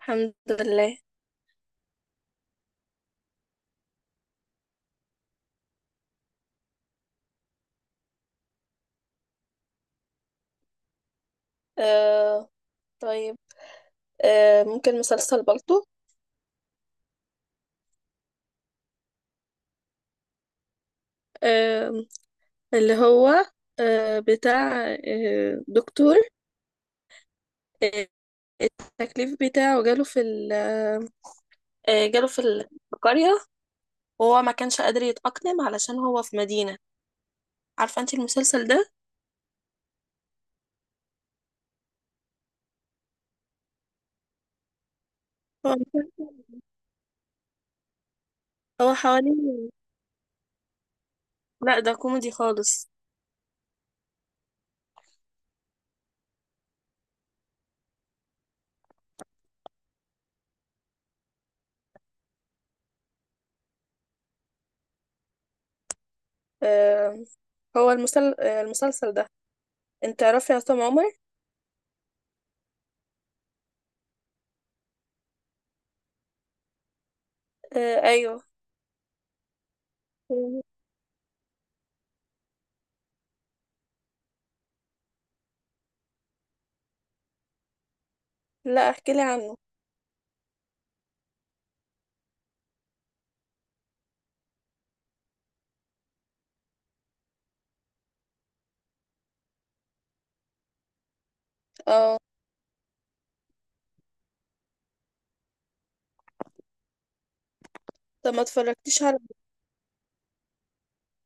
الحمد لله. آه طيب. ممكن مسلسل بالطو. آه اللي هو بتاع دكتور. آه التكليف بتاعه جاله في ال- آه في القرية، وهو ما كانش قادر يتأقلم علشان هو في مدينة. عارفة انت المسلسل ده؟ هو هو حوالي... لا، ده كوميدي خالص. آه هو المسلسل ده، انت تعرفي عصام عمر؟ ايوه. لا، احكي لي عنه. اه، طب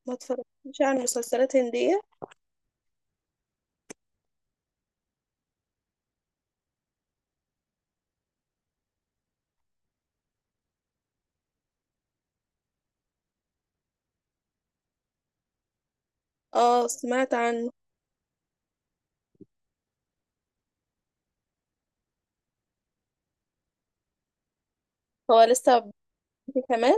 ما اتفرجتش على مسلسلات هندية؟ اه، سمعت عنه. هو لسه بيبتدي كمان.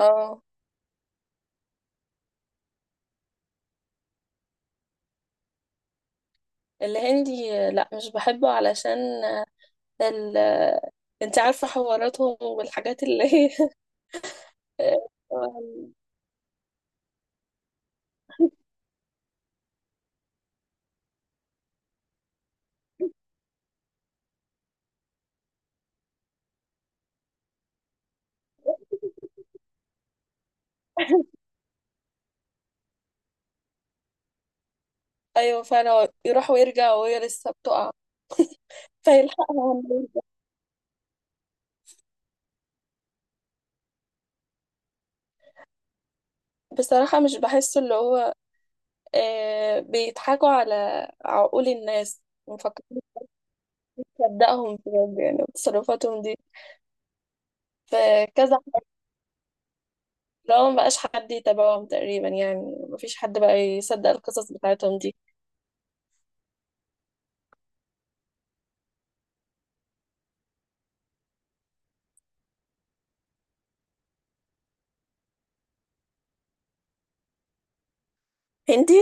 اه، الهندي لا، مش بحبه، علشان ال انت عارفة حواراتهم والحاجات اللي هي... ايوه، فعلا هو يروح ويرجع وهي لسه بتقع، فيلحقها لما يرجع. بصراحة مش بحسه، اللي هو بيضحكوا على عقول الناس، مفكرين يصدقهم بجد يعني تصرفاتهم دي، فكذا، لو ما بقاش حد يتابعهم تقريبا يعني، ما فيش حد بقى يصدق القصص بتاعتهم دي. هندي؟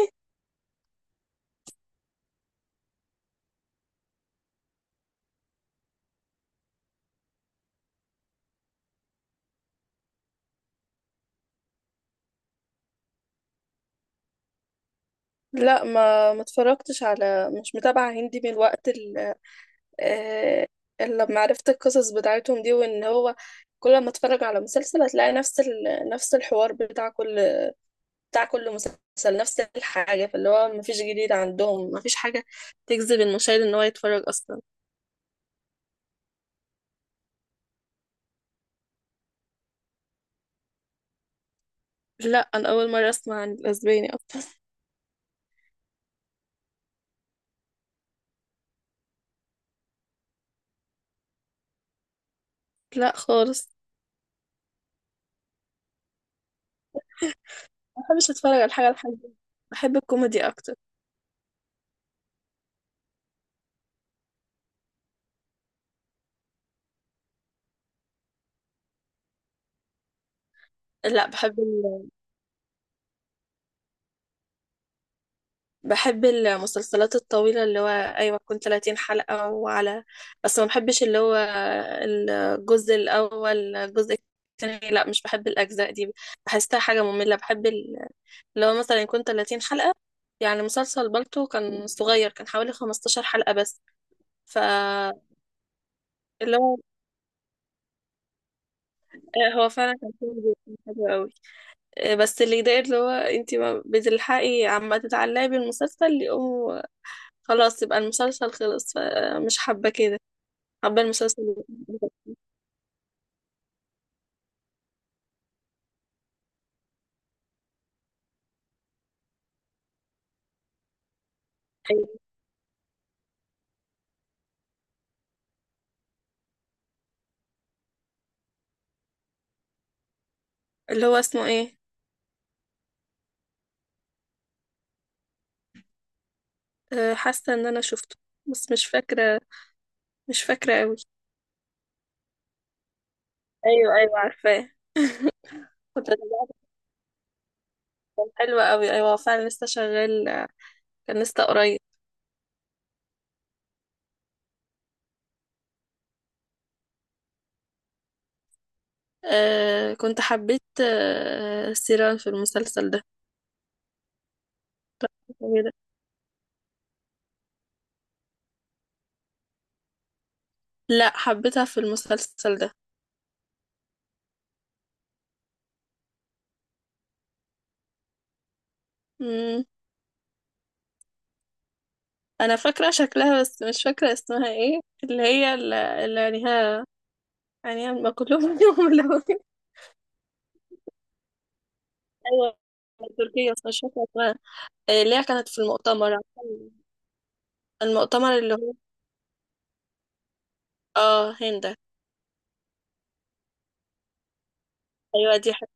لا، ما اتفرجتش على. مش متابعة هندي من الوقت آه، لما عرفت القصص بتاعتهم دي، وان هو كل ما اتفرج على مسلسل هتلاقي نفس الحوار، بتاع كل مسلسل نفس الحاجة، فاللي هو ما فيش جديد عندهم، ما فيش حاجة تجذب المشاهد ان هو يتفرج اصلا. لا، انا اول مرة اسمع عن الاسباني اصلا. لا، خالص. ما بحبش اتفرج على الحاجة الحزينة، بحب الكوميدي اكتر. لا، بحب المسلسلات الطويلة، اللي هو ايوه، تكون 30 حلقة وعلى. بس ما بحبش اللي هو الجزء الاول، الجزء الثاني، لا مش بحب الاجزاء دي، بحسها حاجة مملة. بحب اللي هو مثلا يكون 30 حلقة. يعني مسلسل بالتو كان صغير، كان حوالي 15 حلقة بس. فاللي هو آه، هو فعلا كان كوميدي، كان حلو قوي. بس اللي يضايق، اللي هو انتي ما بتلحقي عما تتعلقي بالمسلسل يقوم خلاص يبقى المسلسل خلص، فمش حابة كده. حابة المسلسل اللي هو اسمه ايه؟ حاسة ان انا شفته، بس مش فاكرة، مش فاكرة قوي. ايوه، ايوه، عارفاه. كنت تابعته. حلوة قوي، ايوه، هو فعلا لسه شغال، كان لسه قريب. كنت حبيت سيران في المسلسل ده. لا، حبيتها في المسلسل ده. مم. انا فاكره شكلها، بس مش فاكره اسمها ايه، اللي هي اللي عينيها ما كلهم فيهم ملونين. ايوه، تركيا، بس مش فاكره اسمها. إيه، اللي هي كانت في المؤتمر، المؤتمر اللي هو... اه، هند. ايوه، دي حاجة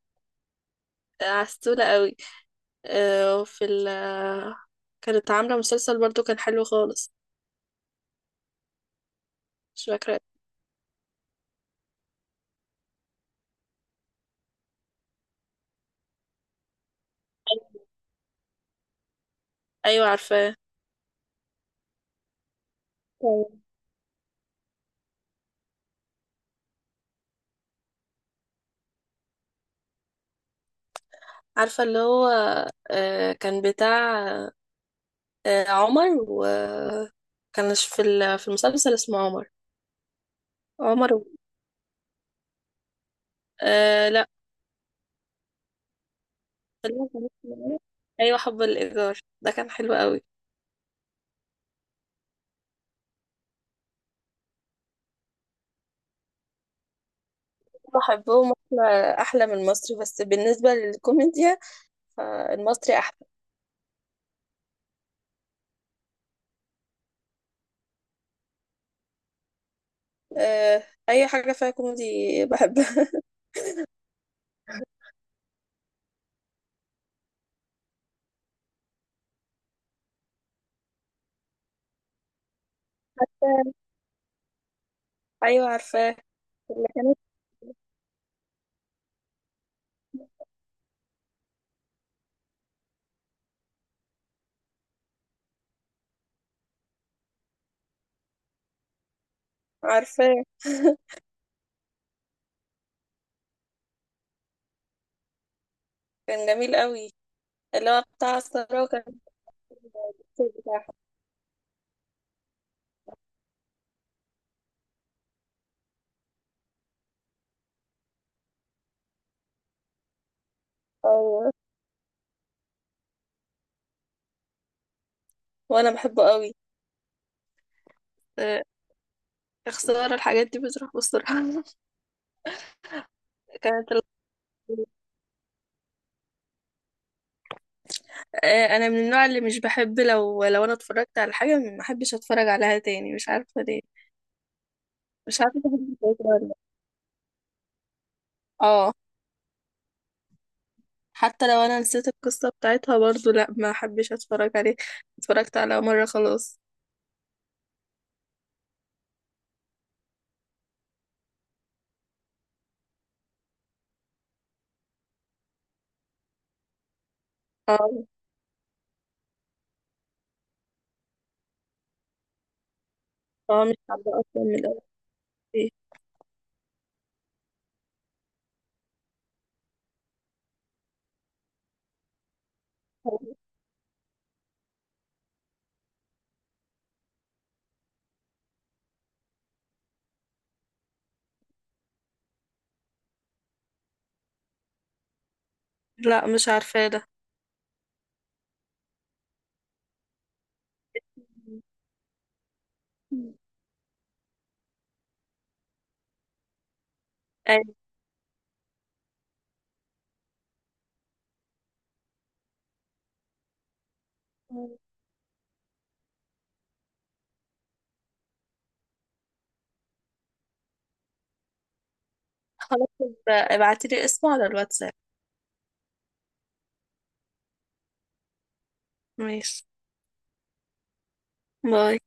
عسولة قوي. آه، وفي ال كانت عاملة مسلسل برضو كان حلو خالص. مش فاكرة. ايوه، عارفاه. أيوة. عارفة اللي هو كان بتاع عمر، وكانش في المسلسل اسمه عمر. عمر. لا. خلينا في مصر. ايوه، حب الايجار ده كان حلو قوي. بحبهم احلى من المصري، بس بالنسبه للكوميديا فالمصري احلى. آه اي حاجه فيها كوميدي بحبها. ايوه، عارفاه. اللي كانت... عارفاه. كان جميل قوي، اللي هو بتاع الثوره، وكان الدكتور بتاعها. ايوه، وانا بحبه قوي. آه، خسارة الحاجات دي بتروح بسرعة. كانت... انا من النوع اللي مش بحب، لو انا اتفرجت على حاجه ما احبش اتفرج عليها تاني، مش عارفه ليه. مش عارفه بحب الفكره ولا لأ. اه. حتى لو انا نسيت القصه بتاعتها برضو، لا ما احبش اتفرج عليه، اتفرجت على مره خلاص. اه اه مش عارفه اصلا من الاول ايه. لا، مش عارفه ده. أيوة. خلاص، ابعتيلي اسمه على الواتساب. ماشي. باي.